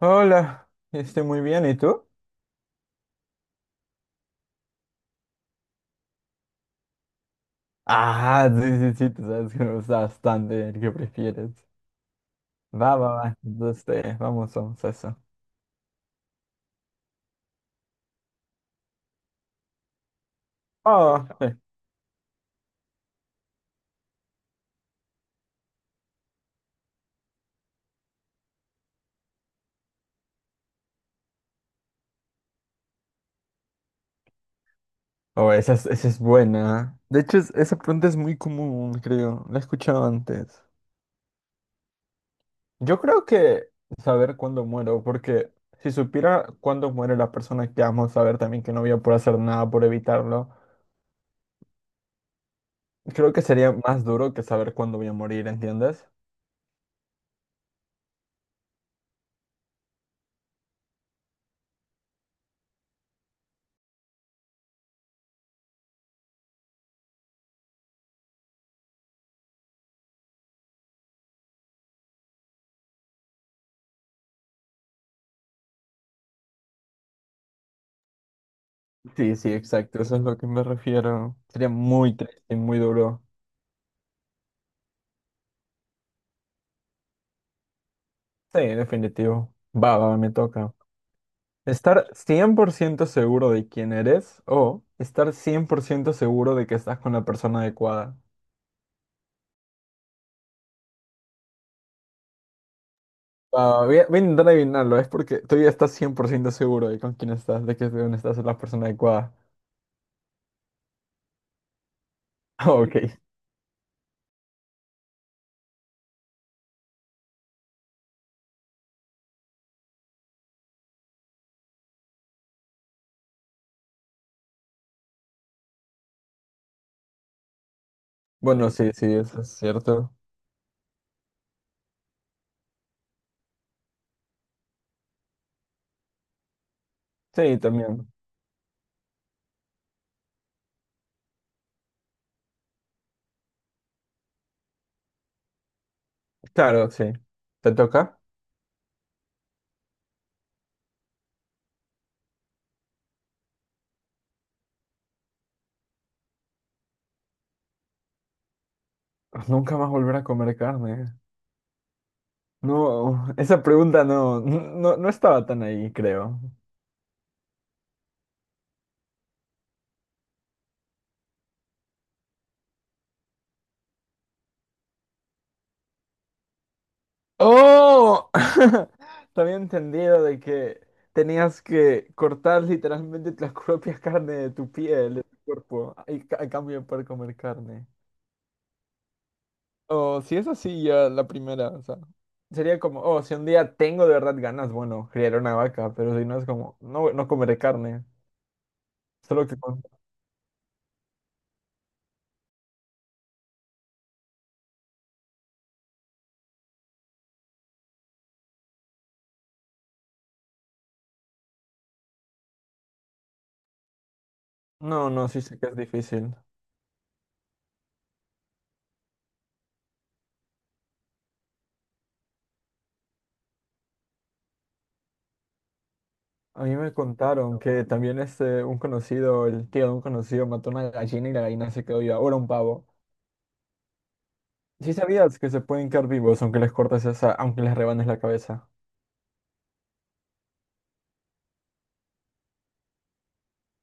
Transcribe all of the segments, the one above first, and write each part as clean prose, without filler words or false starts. Hola, estoy muy bien, ¿y tú? Ah, sí, sí, sí, tú sabes que me gusta bastante el que prefieres. Va, va, va, entonces vamos, vamos a eso. Oh, sí. Oh, esa es buena. De hecho, esa pregunta es muy común, creo. La he escuchado antes. Yo creo que saber cuándo muero, porque si supiera cuándo muere la persona que amo, saber también que no voy a poder hacer nada por evitarlo, creo que sería más duro que saber cuándo voy a morir, ¿entiendes? Sí, sí, exacto, eso es lo que me refiero. Sería muy triste, muy duro. Sí, definitivo. Va, va, me toca. Estar 100% seguro de quién eres o estar 100% seguro de que estás con la persona adecuada. Va, voy a intentar adivinarlo, es porque tú ya estás 100% seguro de con quién estás, de que con estás es la persona adecuada. Ok. Bueno, sí, sí, eso es cierto. Sí, también. Claro, sí. ¿Te toca? Nunca más volver a comer carne. No, esa pregunta no, no, no estaba tan ahí, creo. ¡Oh! También entendido de que tenías que cortar literalmente las propias carnes de tu piel, de tu cuerpo, a cambio de poder comer carne. O si es así, ya la primera, o sea, sería como, oh, si un día tengo de verdad ganas, bueno, criar una vaca, pero si no es como, no, no comeré carne, solo que... con- No, no, sí sé que es difícil. A mí me contaron que también este, un conocido, el tío de un conocido, mató una gallina y la gallina se quedó viva. Ahora un pavo. ¿Sí sabías que se pueden quedar vivos aunque les cortes esa, aunque les rebanes la cabeza?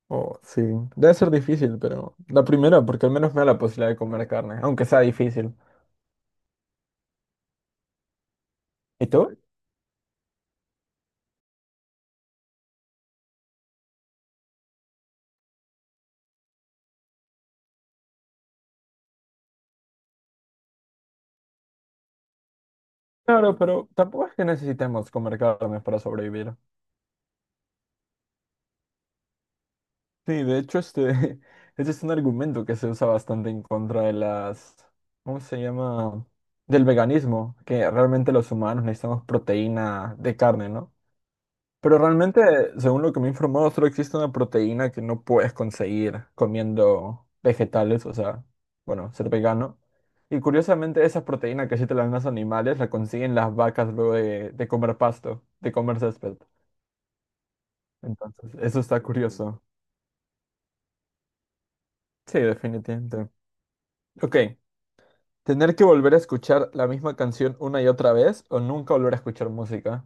Oh, sí. Debe ser difícil, pero la primera, porque al menos me da la posibilidad de comer carne, aunque sea difícil. ¿Y tú? Claro, pero tampoco es que necesitemos comer carne para sobrevivir. Sí, de hecho, este, este es un argumento que se usa bastante en contra de las, ¿cómo se llama? Del veganismo, que realmente los humanos necesitamos proteína de carne, ¿no? Pero realmente, según lo que me he informado, solo existe una proteína que no puedes conseguir comiendo vegetales, o sea, bueno, ser vegano. Y curiosamente, esa proteína que sí te la dan los animales, la consiguen las vacas luego de comer pasto, de comer césped. Entonces, eso está curioso. Sí, definitivamente. Ok, ¿tener que volver a escuchar la misma canción una y otra vez o nunca volver a escuchar música?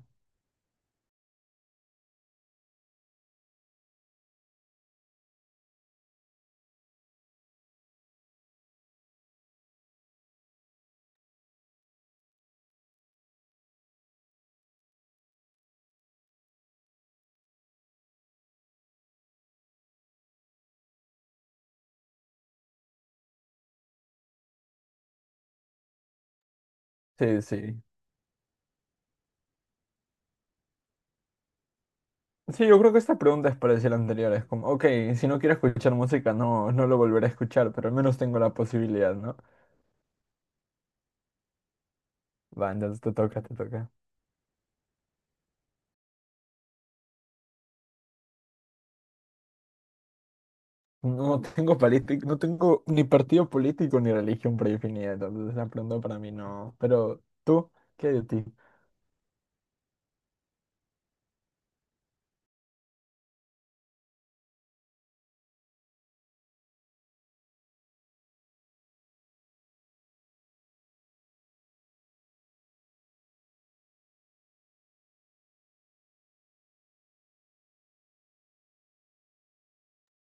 Sí, sí. Sí, yo creo que esta pregunta es parecida a la anterior. Es como, ok, si no quiero escuchar música, no, no lo volveré a escuchar, pero al menos tengo la posibilidad, ¿no? Va, entonces te toca, te toca. No tengo político, no tengo ni partido político ni religión predefinida, entonces la pregunta para mí no. Pero tú, ¿qué hay de ti?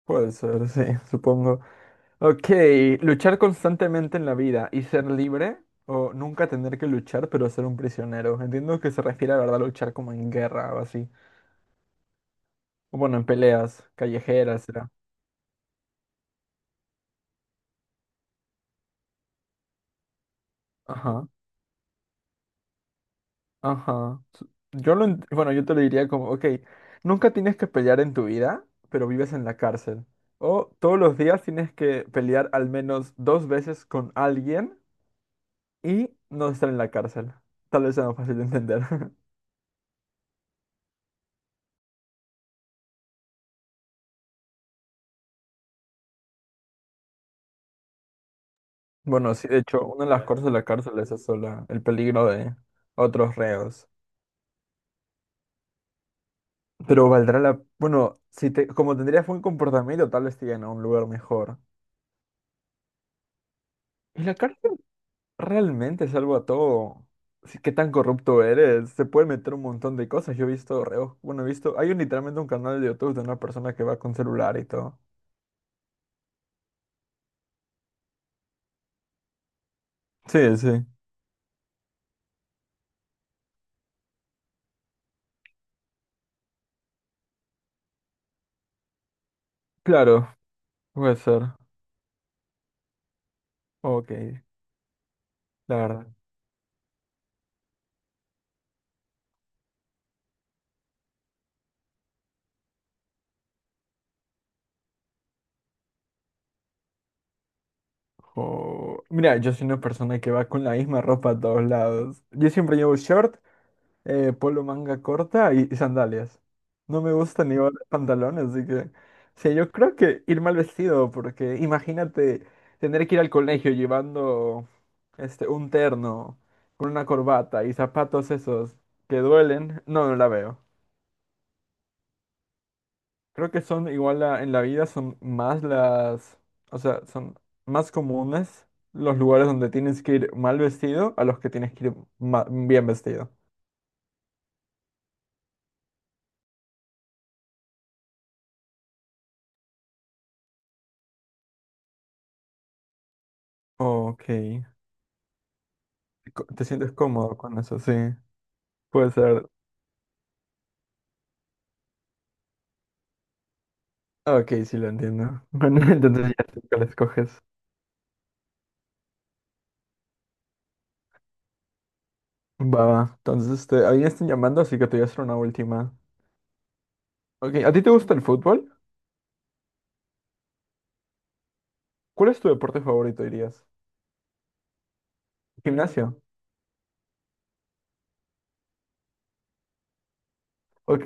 Puede ser, sí, supongo. Ok, luchar constantemente en la vida y ser libre o nunca tener que luchar pero ser un prisionero. Entiendo que se refiere a verdad luchar como en guerra o así. O bueno, en peleas callejeras, será. Ajá, ajá. Su- Yo lo, ent- bueno, yo te lo diría como, ok, nunca tienes que pelear en tu vida, pero vives en la cárcel. O todos los días tienes que pelear al menos dos veces con alguien y no estar en la cárcel. Tal vez sea más fácil de entender. Bueno, sí, de hecho, una de las cosas de la cárcel es eso, la- el peligro de otros reos. Pero valdrá la... Bueno, si te, como tendrías buen comportamiento, tal vez te lleven a un lugar mejor. ¿Y la cárcel realmente es algo a todo? Sí, ¿qué tan corrupto eres? Se puede meter un montón de cosas. Yo he visto reos... Bueno, he visto... Hay un- literalmente un canal de YouTube de una persona que va con celular y todo. Sí, sí. Claro, puede ser. Ok, la verdad. O- Mira, yo soy una persona que va con la misma ropa a todos lados. Yo siempre llevo short polo manga corta y sandalias. No me gusta ni los pantalones, así que... Sí, yo creo que ir mal vestido, porque imagínate tener que ir al colegio llevando este, un terno con una corbata y zapatos esos que duelen. No, no la veo. Creo que son igual en la vida, son más las... O sea, son más comunes los lugares donde tienes que ir mal vestido a los que tienes que ir bien vestido. Ok. co- ¿Te sientes cómodo con eso? Sí. Puede ser. Ok, sí lo entiendo. Bueno, entonces ya sé cuál escoges. Va, va. Entonces, este, a mí me están llamando, así que te voy a hacer una última. Ok, ¿a ti te gusta el fútbol? ¿Cuál es tu deporte favorito, dirías? ¿Gimnasio? Ok,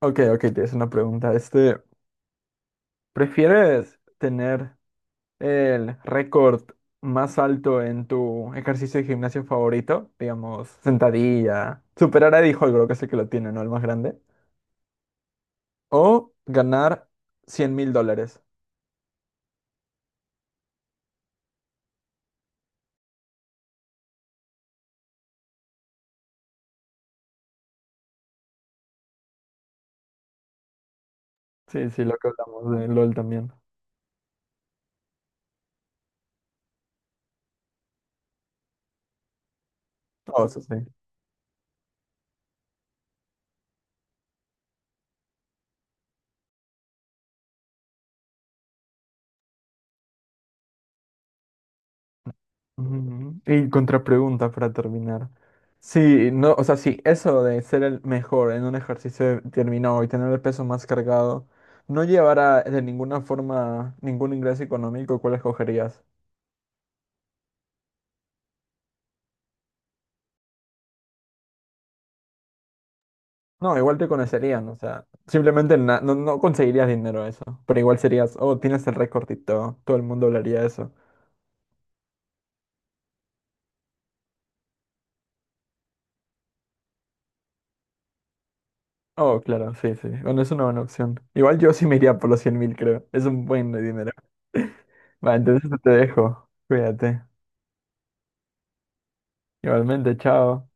ok, ok, te es una pregunta. Este, ¿prefieres tener el récord más alto en tu ejercicio de gimnasio favorito? Digamos, sentadilla. Superar a Eddie Hall, creo que es el que lo tiene, ¿no? El más grande. O ganar $100,000. Sí, sí, lo que hablamos de LOL también. Oh, eso sí. Ujú. Y contrapregunta para terminar. Sí, no, o sea, sí, eso de ser el mejor en un ejercicio determinado y tener el peso más cargado, no llevará de ninguna forma ningún ingreso económico, ¿cuál escogerías? No, igual te conocerían, o sea, simplemente na- no, no conseguirías dinero de eso, pero igual serías, oh, tienes el récord y todo, todo el mundo hablaría de eso. Oh, claro, sí, sí. Bueno, es una buena opción. Igual yo sí me iría por los 100,000, creo. Es un buen dinero. Va, entonces te dejo. Cuídate. Igualmente, chao.